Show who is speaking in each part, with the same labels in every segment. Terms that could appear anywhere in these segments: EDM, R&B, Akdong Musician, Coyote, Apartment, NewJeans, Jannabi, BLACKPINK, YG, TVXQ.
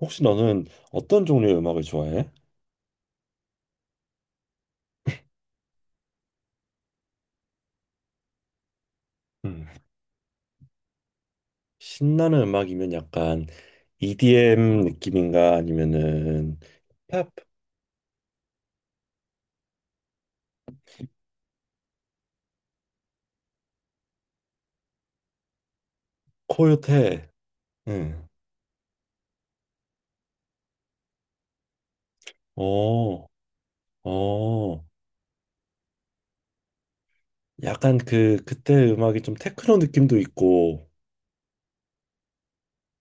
Speaker 1: 혹시 너는 어떤 종류의 음악을 좋아해? 음. 신나는 음악이면 약간 EDM 느낌인가 아니면은 힙합 코요테. 응. 어, 어, 약간 그때 음악이 좀 테크노 느낌도 있고,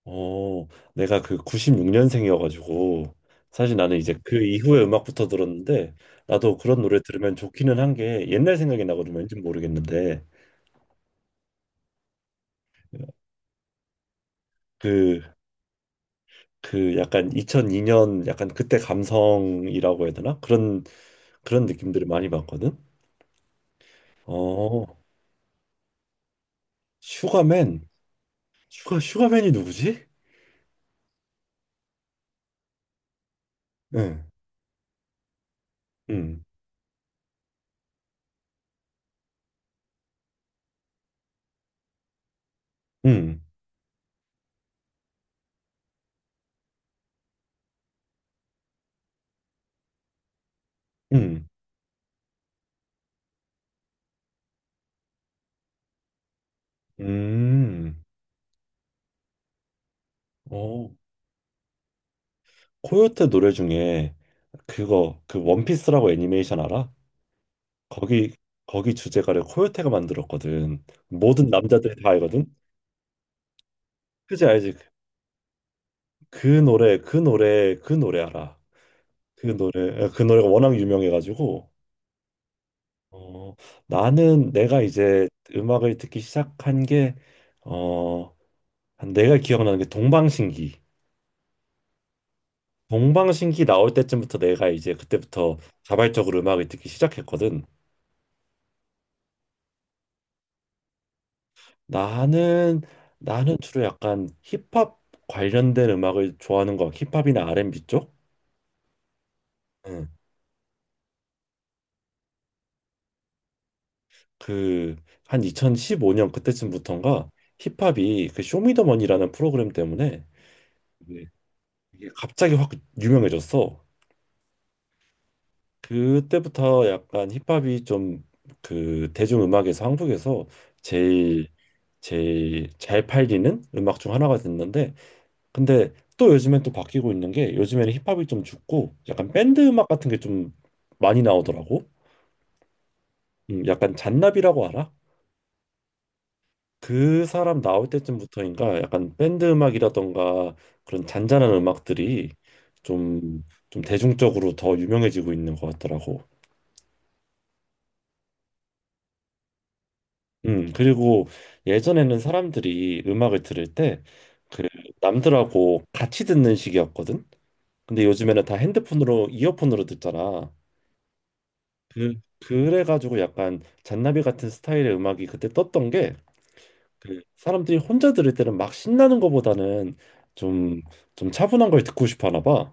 Speaker 1: 어, 내가 그 96년생이어가지고 사실 나는 이제 그 이후의 음악부터 들었는데, 나도 그런 노래 들으면 좋기는 한게 옛날 생각이 나거든. 왠지 모르겠는데 그 그 약간 2002년 약간 그때 감성이라고 해야 되나? 그런 느낌들을 많이 받거든. 어, 슈가맨. 슈가맨이 누구지? 응. 음. 음. 음. 음. 어, 코요테 노래 중에 그거 그 원피스라고 애니메이션 알아? 거기 거기 주제가를 코요테가 만들었거든. 모든 남자들이 다 알거든. 그지 알지? 그 노래 알아. 그 노래 그 노래가 워낙 유명해가지고, 어, 나는 내가 이제 음악을 듣기 시작한 게, 어, 한 내가 기억나는 게 동방신기. 동방신기 나올 때쯤부터 내가 이제 그때부터 자발적으로 음악을 듣기 시작했거든. 나는 나는 주로 약간 힙합 관련된 음악을 좋아하는 거, 힙합이나 R&B 쪽? 응. 그한 2015년 그때쯤부터인가 힙합이 그 쇼미더머니라는 프로그램 때문에 이게 이게 갑자기 확 유명해졌어. 그때부터 약간 힙합이 좀 그 대중음악에서 한국에서 제일 제일 잘 팔리는 음악 중 하나가 됐는데, 근데 또 요즘엔 또 바뀌고 있는 게, 요즘에는 힙합이 좀 죽고 약간 밴드 음악 같은 게 좀 많이 나오더라고. 약간 잔나비라고 알아? 그 사람 나올 때쯤부터인가 약간 밴드 음악이라던가 그런 잔잔한 음악들이 좀 좀 대중적으로 더 유명해지고 있는 것 같더라고. 그리고 예전에는 사람들이 음악을 들을 때 그 남들하고 같이 듣는 식이었거든. 근데 요즘에는 다 핸드폰으로 이어폰으로 듣잖아. 그 그래가지고 약간 잔나비 같은 스타일의 음악이 그때 떴던 게, 그 사람들이 혼자 들을 때는 막 신나는 거보다는 좀 좀 차분한 걸 듣고 싶어 하나 봐.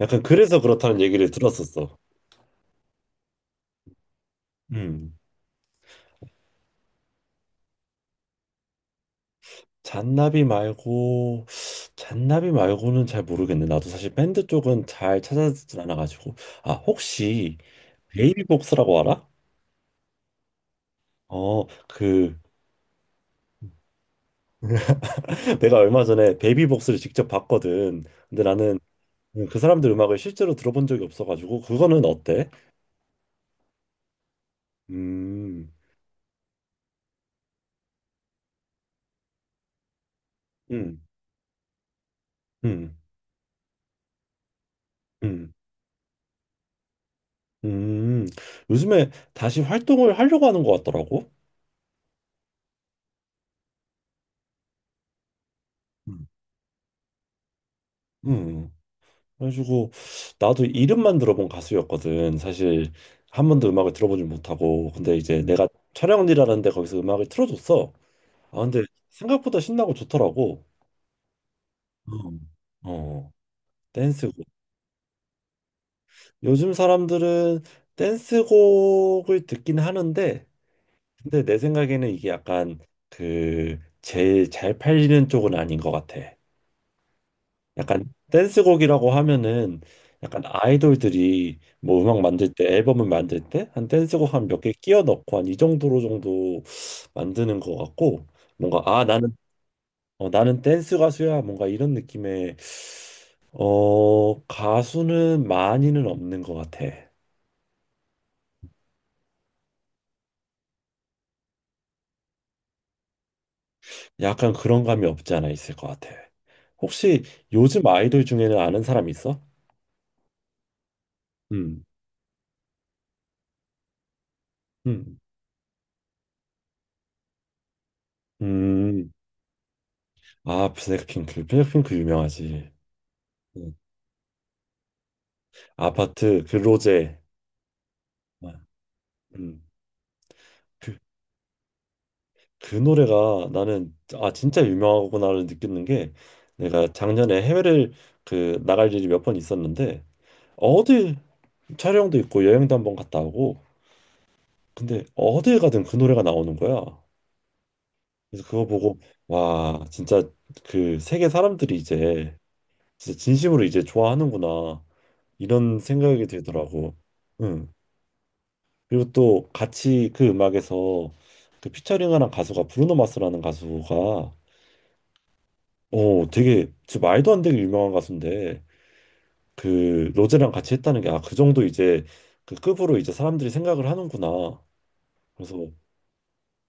Speaker 1: 약간 그래서 그렇다는 얘기를 들었었어. 음. 잔나비 말고 잔나비 말고는 잘 모르겠네. 나도 사실 밴드 쪽은 잘 찾아듣진 않아가지고. 아 혹시 베이비복스라고 알아? 어, 그 내가 얼마 전에 베이비복스를 직접 봤거든. 근데 나는 그 사람들 음악을 실제로 들어본 적이 없어가지고, 그거는 어때? 음, 음, 음, 음, 음. 요즘에 다시 활동을 하려고 하는 것 같더라고. 음, 음. 그래가지고 나도 이름만 들어본 가수였거든. 사실 한 번도 음악을 들어보지 못하고 근데 이제 내가 촬영 을일라는데 거기서 음악을 틀어줬어. 아 근데 생각보다 신나고 좋더라고. 어, 어, 댄스곡. 요즘 사람들은 댄스곡을 듣긴 하는데, 근데 내 생각에는 이게 약간 그 제일 잘 팔리는 쪽은 아닌 것 같아. 약간 댄스곡이라고 하면은 약간 아이돌들이 뭐 음악 만들 때 앨범을 만들 때 한 댄스곡 한 몇 개 끼워 넣고 한 이 정도로 정도 만드는 것 같고, 뭔가 아 나는 나는 댄스 가수야 뭔가 이런 느낌의 가수는 많이는 없는 것 같아. 약간 그런 감이 없지 않아 있을 것 같아. 혹시 요즘 아이돌 중에는 아는 사람 있어? 음, 음, 음. 아, 블랙핑크, 블랙핑크 유명하지. 아파트 근로제. 음. 그, 그 노래가 나는 아 진짜 유명하구나를 느끼는 게, 내가 작년에 해외를 그 나갈 일이 몇 번 있었는데, 어딜 촬영도 있고 여행도 한 번 갔다 오고, 근데 어딜 가든 그 노래가 나오는 거야. 그래서 그거 보고 와 진짜 그 세계 사람들이 이제 진짜 진심으로 이제 좋아하는구나 이런 생각이 들더라고. 그리고 또 같이 그 음악에서 그 피처링하는 가수가 브루노 마스라는 가수가 되게 진짜 말도 안 되게 유명한 가수인데, 그 로제랑 같이 했다는 게 아 그 정도 이제 그 급으로 이제 사람들이 생각을 하는구나. 그래서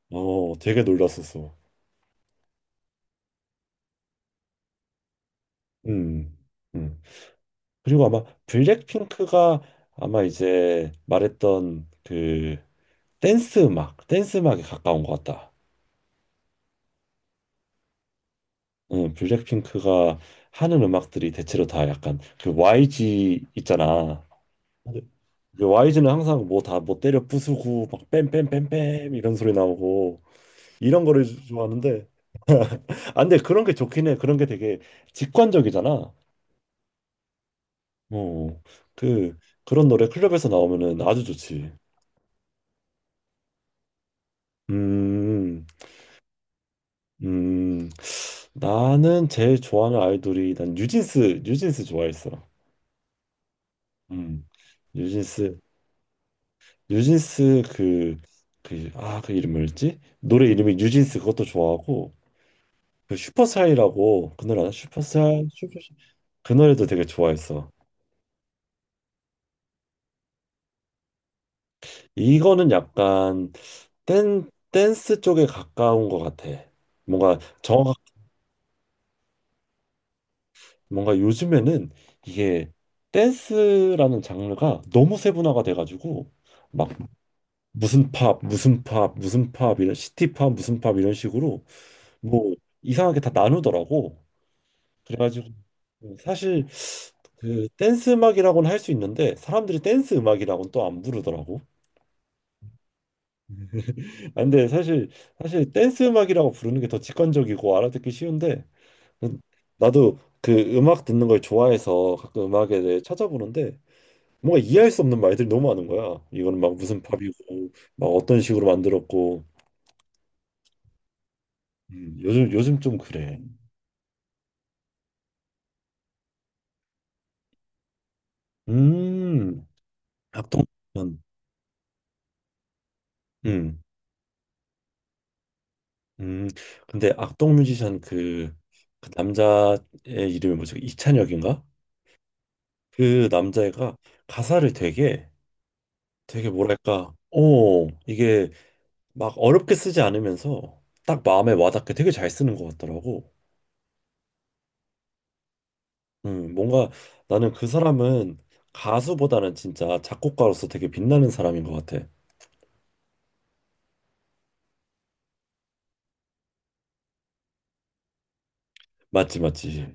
Speaker 1: 되게 놀랐었어. 음, 음. 그리고 아마 블랙핑크가 아마 이제 말했던 그 댄스 음악에 가까운 것 같다. 블랙핑크가 하는 음악들이 대체로 다 약간 그 YG 있잖아. 네. YG는 항상 뭐 다 뭐 때려 부수고 막 뺨뺨 뺨 뺨 이런 소리 나오고 이런 거를 좋아하는데, 아 근데 그런 게 좋긴 해. 그런 게 되게 직관적이잖아. 어. 그 그런 노래 클럽에서 나오면은 아주 좋지. 음. 음. 나는 제일 좋아하는 아이돌이 난 뉴진스 좋아했어. 음. 뉴진스 뉴진스 그 이름 뭐였지? 노래 이름이 뉴진스 그것도 좋아하고, 그 슈퍼사이라고 그 노래 알아? 슈퍼사이 슈퍼. 그 노래도 되게 좋아했어. 이거는 약간 댄 댄스 쪽에 가까운 것 같아. 뭔가 정확 뭔가 요즘에는 이게 댄스라는 장르가 너무 세분화가 돼가지고 막 무슨 팝 무슨 팝 무슨 팝 이런 시티 팝 무슨 팝 이런 식으로 뭐 이상하게 다 나누더라고. 그래가지고 사실 그 댄스 음악이라고는 할 수 있는데, 사람들이 댄스 음악이라고는 또 안 부르더라고. 아, 근데 사실 댄스 음악이라고 부르는 게 더 직관적이고 알아듣기 쉬운데, 나도 그 음악 듣는 걸 좋아해서 가끔 음악에 대해 찾아보는데 뭔가 이해할 수 없는 말들이 너무 많은 거야. 이거는 막 무슨 팝이고 막 어떤 식으로 만들었고. 요즘 좀 그래. 음, 악동. 음. 음. 음, 근데 악동 뮤지션 그, 그 남자의 이름이 뭐지? 이찬혁인가? 그 남자애가 가사를 되게 되게 뭐랄까, 어, 이게 막 어렵게 쓰지 않으면서 딱 마음에 와닿게 되게 잘 쓰는 것 같더라고. 뭔가 나는 그 사람은 가수보다는 진짜 작곡가로서 되게 빛나는 사람인 것 같아. 맞지, 맞지.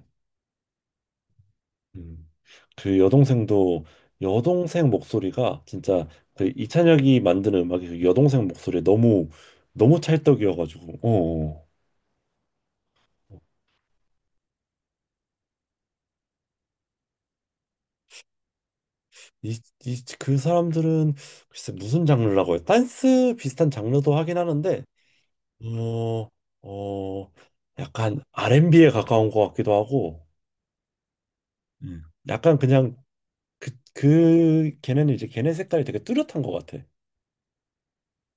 Speaker 1: 음. 그 여동생도 여동생 목소리가 진짜 그 이찬혁이 만드는 음악이 그 여동생 목소리에 너무 너무 찰떡이어가지고 어. 어. 이, 그 사람들은 글쎄 무슨 장르라고 해요? 댄스 비슷한 장르도 하긴 하는데, 어, 어, 약간 R&B에 가까운 것 같기도 하고 약간 그냥 그 걔네는 이제 걔네 색깔이 되게 뚜렷한 것 같아.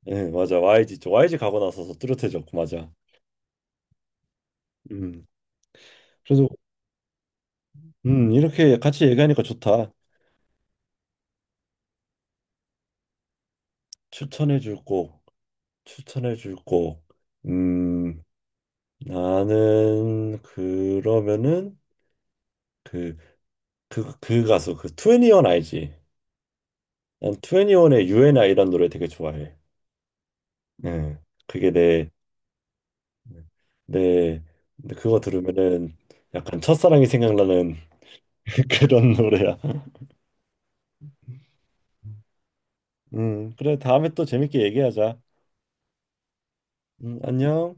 Speaker 1: 네, 맞아. YG 쪽. YG 가고 나서서 뚜렷해졌고 맞아. 음. 그래서 이렇게 같이 얘기하니까 좋다. 추천해 줄 곡, 추천해 줄 곡. 음, 나는 그러면은 그, 그 가수 그2원 알지? 난2원의 UNI 이란 노래 되게 좋아해. 네, 그게 내, 근데 그거 들으면은 약간 첫사랑이 생각나는 그런 노래야. 그래 다음에 또 재밌게 얘기하자. 안녕.